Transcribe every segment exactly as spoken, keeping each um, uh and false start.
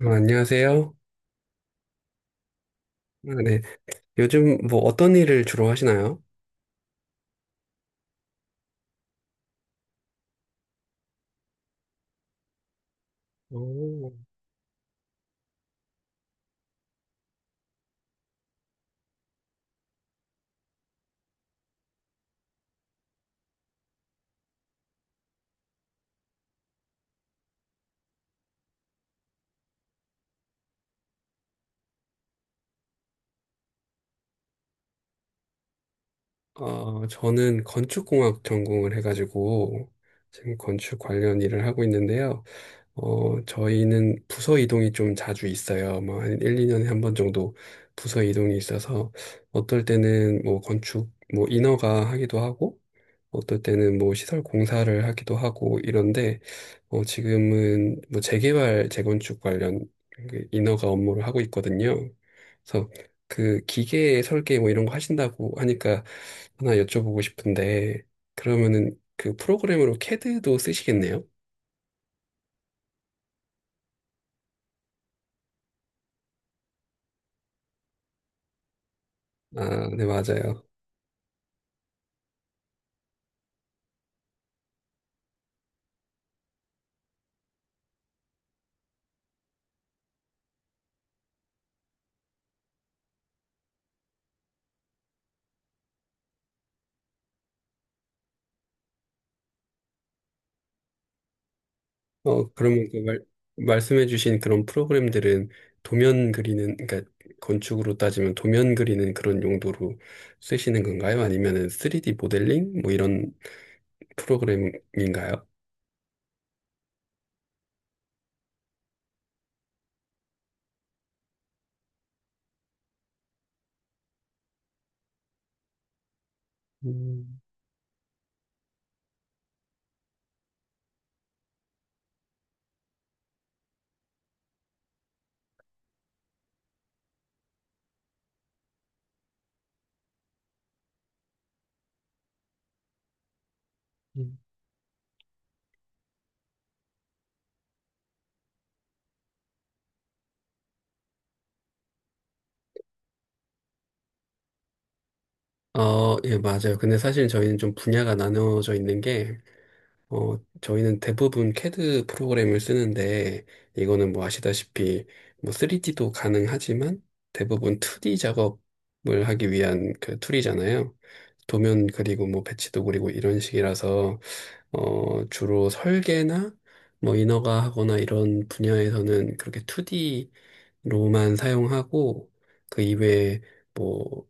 어, 안녕하세요. 아, 네. 요즘 뭐 어떤 일을 주로 하시나요? 오. 어, 저는 건축공학 전공을 해가지고 지금 건축 관련 일을 하고 있는데요. 어, 저희는 부서 이동이 좀 자주 있어요. 뭐, 한 한, 이 년에 한 번 정도 부서 이동이 있어서, 어떨 때는 뭐, 건축, 뭐, 인허가 하기도 하고, 어떨 때는 뭐, 시설 공사를 하기도 하고, 이런데, 어, 지금은 뭐, 재개발, 재건축 관련 그 인허가 업무를 하고 있거든요. 그래서 그 기계 설계 뭐 이런 거 하신다고 하니까 하나 여쭤보고 싶은데, 그러면은 그 프로그램으로 캐드도 쓰시겠네요? 아, 네, 맞아요. 어, 그러면 그 말, 말씀해주신 그런 프로그램들은 도면 그리는, 그러니까 건축으로 따지면 도면 그리는 그런 용도로 쓰시는 건가요? 아니면은 쓰리 디 모델링? 뭐 이런 프로그램인가요? 음. 어, 예, 맞아요. 근데 사실 저희는 좀 분야가 나누어져 있는 게 어, 저희는 대부분 CAD 프로그램을 쓰는데, 이거는 뭐 아시다시피, 뭐 쓰리 디도 가능하지만, 대부분 투 디 작업을 하기 위한 그 툴이잖아요. 도면 그리고 뭐 배치도 그리고 이런 식이라서, 어, 주로 설계나 뭐 인허가 하거나 이런 분야에서는 그렇게 투 디로만 사용하고, 그 이외에 뭐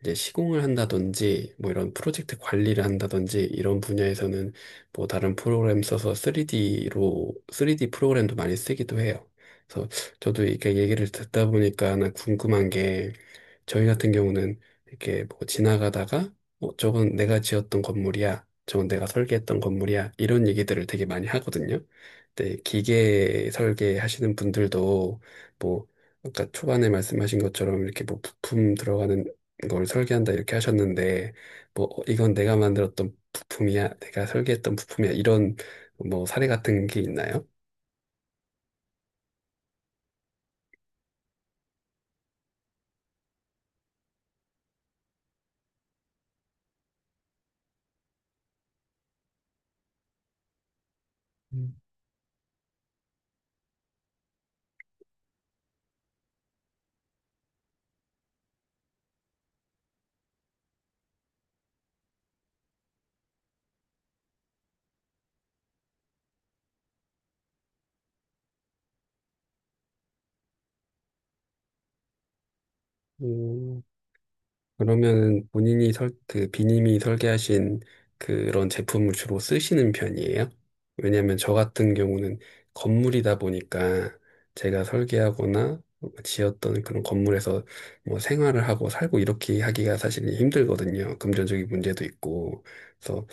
이제 시공을 한다든지 뭐 이런 프로젝트 관리를 한다든지 이런 분야에서는 뭐 다른 프로그램 써서 쓰리 디로 쓰리 디 프로그램도 많이 쓰기도 해요. 그래서 저도 이렇게 얘기를 듣다 보니까 하나 궁금한 게 저희 같은 경우는 이렇게 뭐 지나가다가 어, 저건 내가 지었던 건물이야. 저건 내가 설계했던 건물이야. 이런 얘기들을 되게 많이 하거든요. 근데 기계 설계하시는 분들도 뭐 아까 초반에 말씀하신 것처럼 이렇게 뭐 부품 들어가는 걸 설계한다 이렇게 하셨는데 뭐 어, 이건 내가 만들었던 부품이야. 내가 설계했던 부품이야. 이런 뭐 사례 같은 게 있나요? 음, 그러면은 본인이 설, 그 비님이 설계하신 그런 제품을 주로 쓰시는 편이에요? 왜냐면 하저 같은 경우는 건물이다 보니까 제가 설계하거나 지었던 그런 건물에서 뭐 생활을 하고 살고 이렇게 하기가 사실 힘들거든요. 금전적인 문제도 있고. 그래서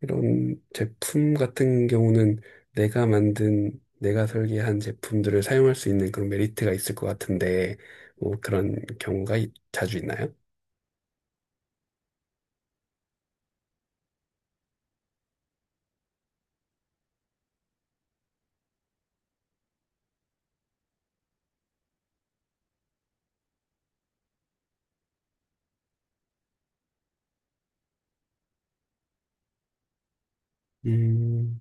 이런 제품 같은 경우는 내가 만든, 내가 설계한 제품들을 사용할 수 있는 그런 메리트가 있을 것 같은데, 뭐 그런 경우가 이- 자주 있나요? 음,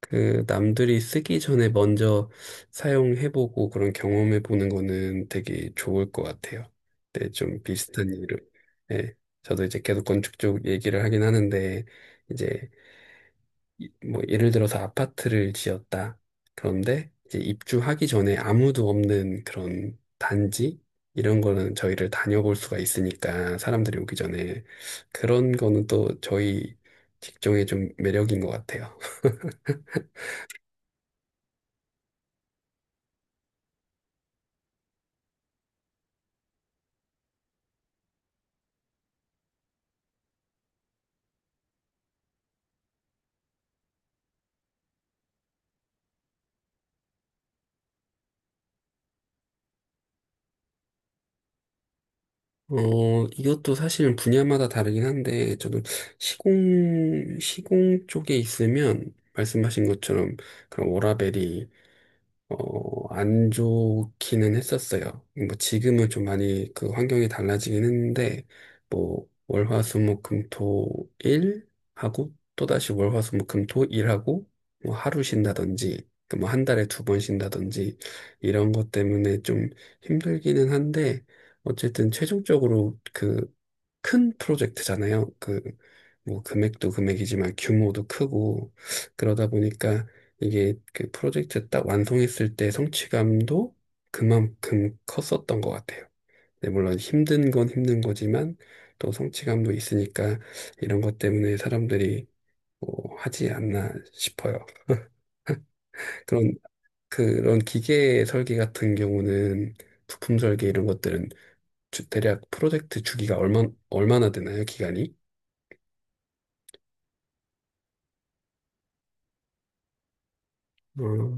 그 남들이 쓰기 전에 먼저 사용해보고 그런 경험해보는 거는 되게 좋을 것 같아요. 근좀 비슷한 일을, 예. 저도 이제 계속 건축 쪽 얘기를 하긴 하는데, 이제 이- 뭐 예를 들어서 아파트를 지었다. 그런데 이제 입주하기 전에 아무도 없는 그런 단지? 이런 거는 저희를 다녀볼 수가 있으니까 사람들이 오기 전에 그런 거는 또 저희 직종의 좀 매력인 것 같아요. 어, 이것도 사실 분야마다 다르긴 한데, 저도 시공, 시공 쪽에 있으면, 말씀하신 것처럼, 그런 워라밸이 어, 안 좋기는 했었어요. 뭐 지금은 좀 많이 그 환경이 달라지긴 했는데 뭐 월화수목금토일 하고 또다시 월화수목금토일 하고 뭐 하루 쉰다든지 그 뭐 한 달에 두 번 쉰다든지 이런 것 때문에 좀 힘들기는 한데 어쨌든 최종적으로 그 큰 프로젝트잖아요. 그 뭐 금액도 금액이지만 규모도 크고 그러다 보니까 이게 그 프로젝트 딱 완성했을 때 성취감도 그만큼 컸었던 것 같아요. 네, 물론 힘든 건 힘든 거지만 또 성취감도 있으니까 이런 것 때문에 사람들이 뭐 하지 않나 싶어요. 그런 그런 기계 설계 같은 경우는 부품 설계 이런 것들은 주- 대략 프로젝트 주기가 얼마 얼마나 되나요? 기간이? 어,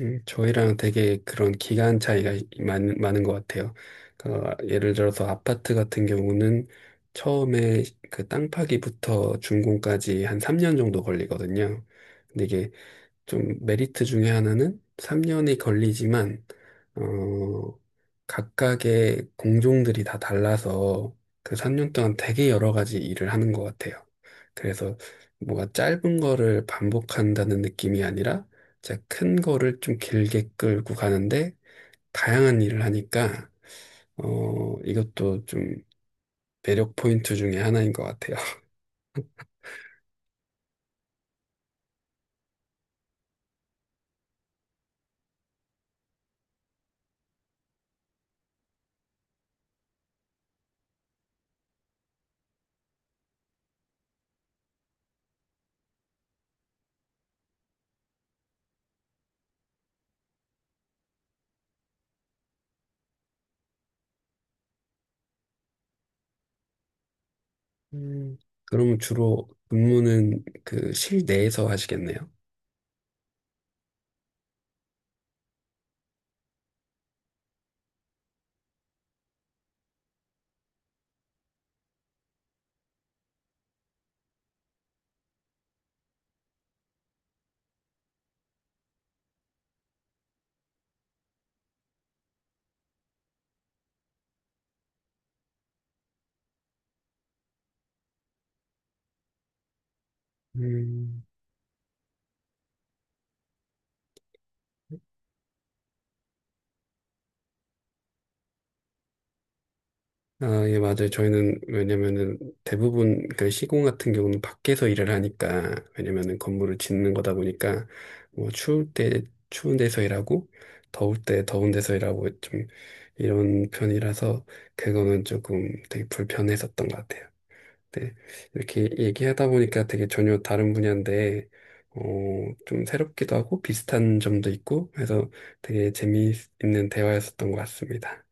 음, 저희랑 되게 그런 기간 차이가 이- 많, 많은 것 같아요. 그러니까 예를 들어서 아파트 같은 경우는 처음에 그 땅 파기부터 준공까지 한 삼 년 정도 걸리거든요. 근데 이게 좀 메리트 중에 하나는 삼 년이 걸리지만, 어, 각각의 공종들이 다 달라서 그 삼 년 동안 되게 여러 가지 일을 하는 것 같아요. 그래서 뭐가 짧은 거를 반복한다는 느낌이 아니라 진짜 큰 거를 좀 길게 끌고 가는데 다양한 일을 하니까, 어, 이것도 좀 매력 포인트 중에 하나인 것 같아요. 음, 그러면 주로 근무는 그 실내에서 하시겠네요? 음. 아, 예, 맞아요. 저희는 왜냐면은 대부분 그 시공 같은 경우는 밖에서 일을 하니까 왜냐면은 건물을 짓는 거다 보니까 뭐 추울 때 추운 데서 일하고 더울 때 더운 데서 일하고 좀 이런 편이라서 그거는 조금 되게 불편했었던 것 같아요. 네. 이렇게 얘기하다 보니까 되게 전혀 다른 분야인데 어, 좀 새롭기도 하고 비슷한 점도 있고 해서 되게 재미있는 대화였었던 것 같습니다.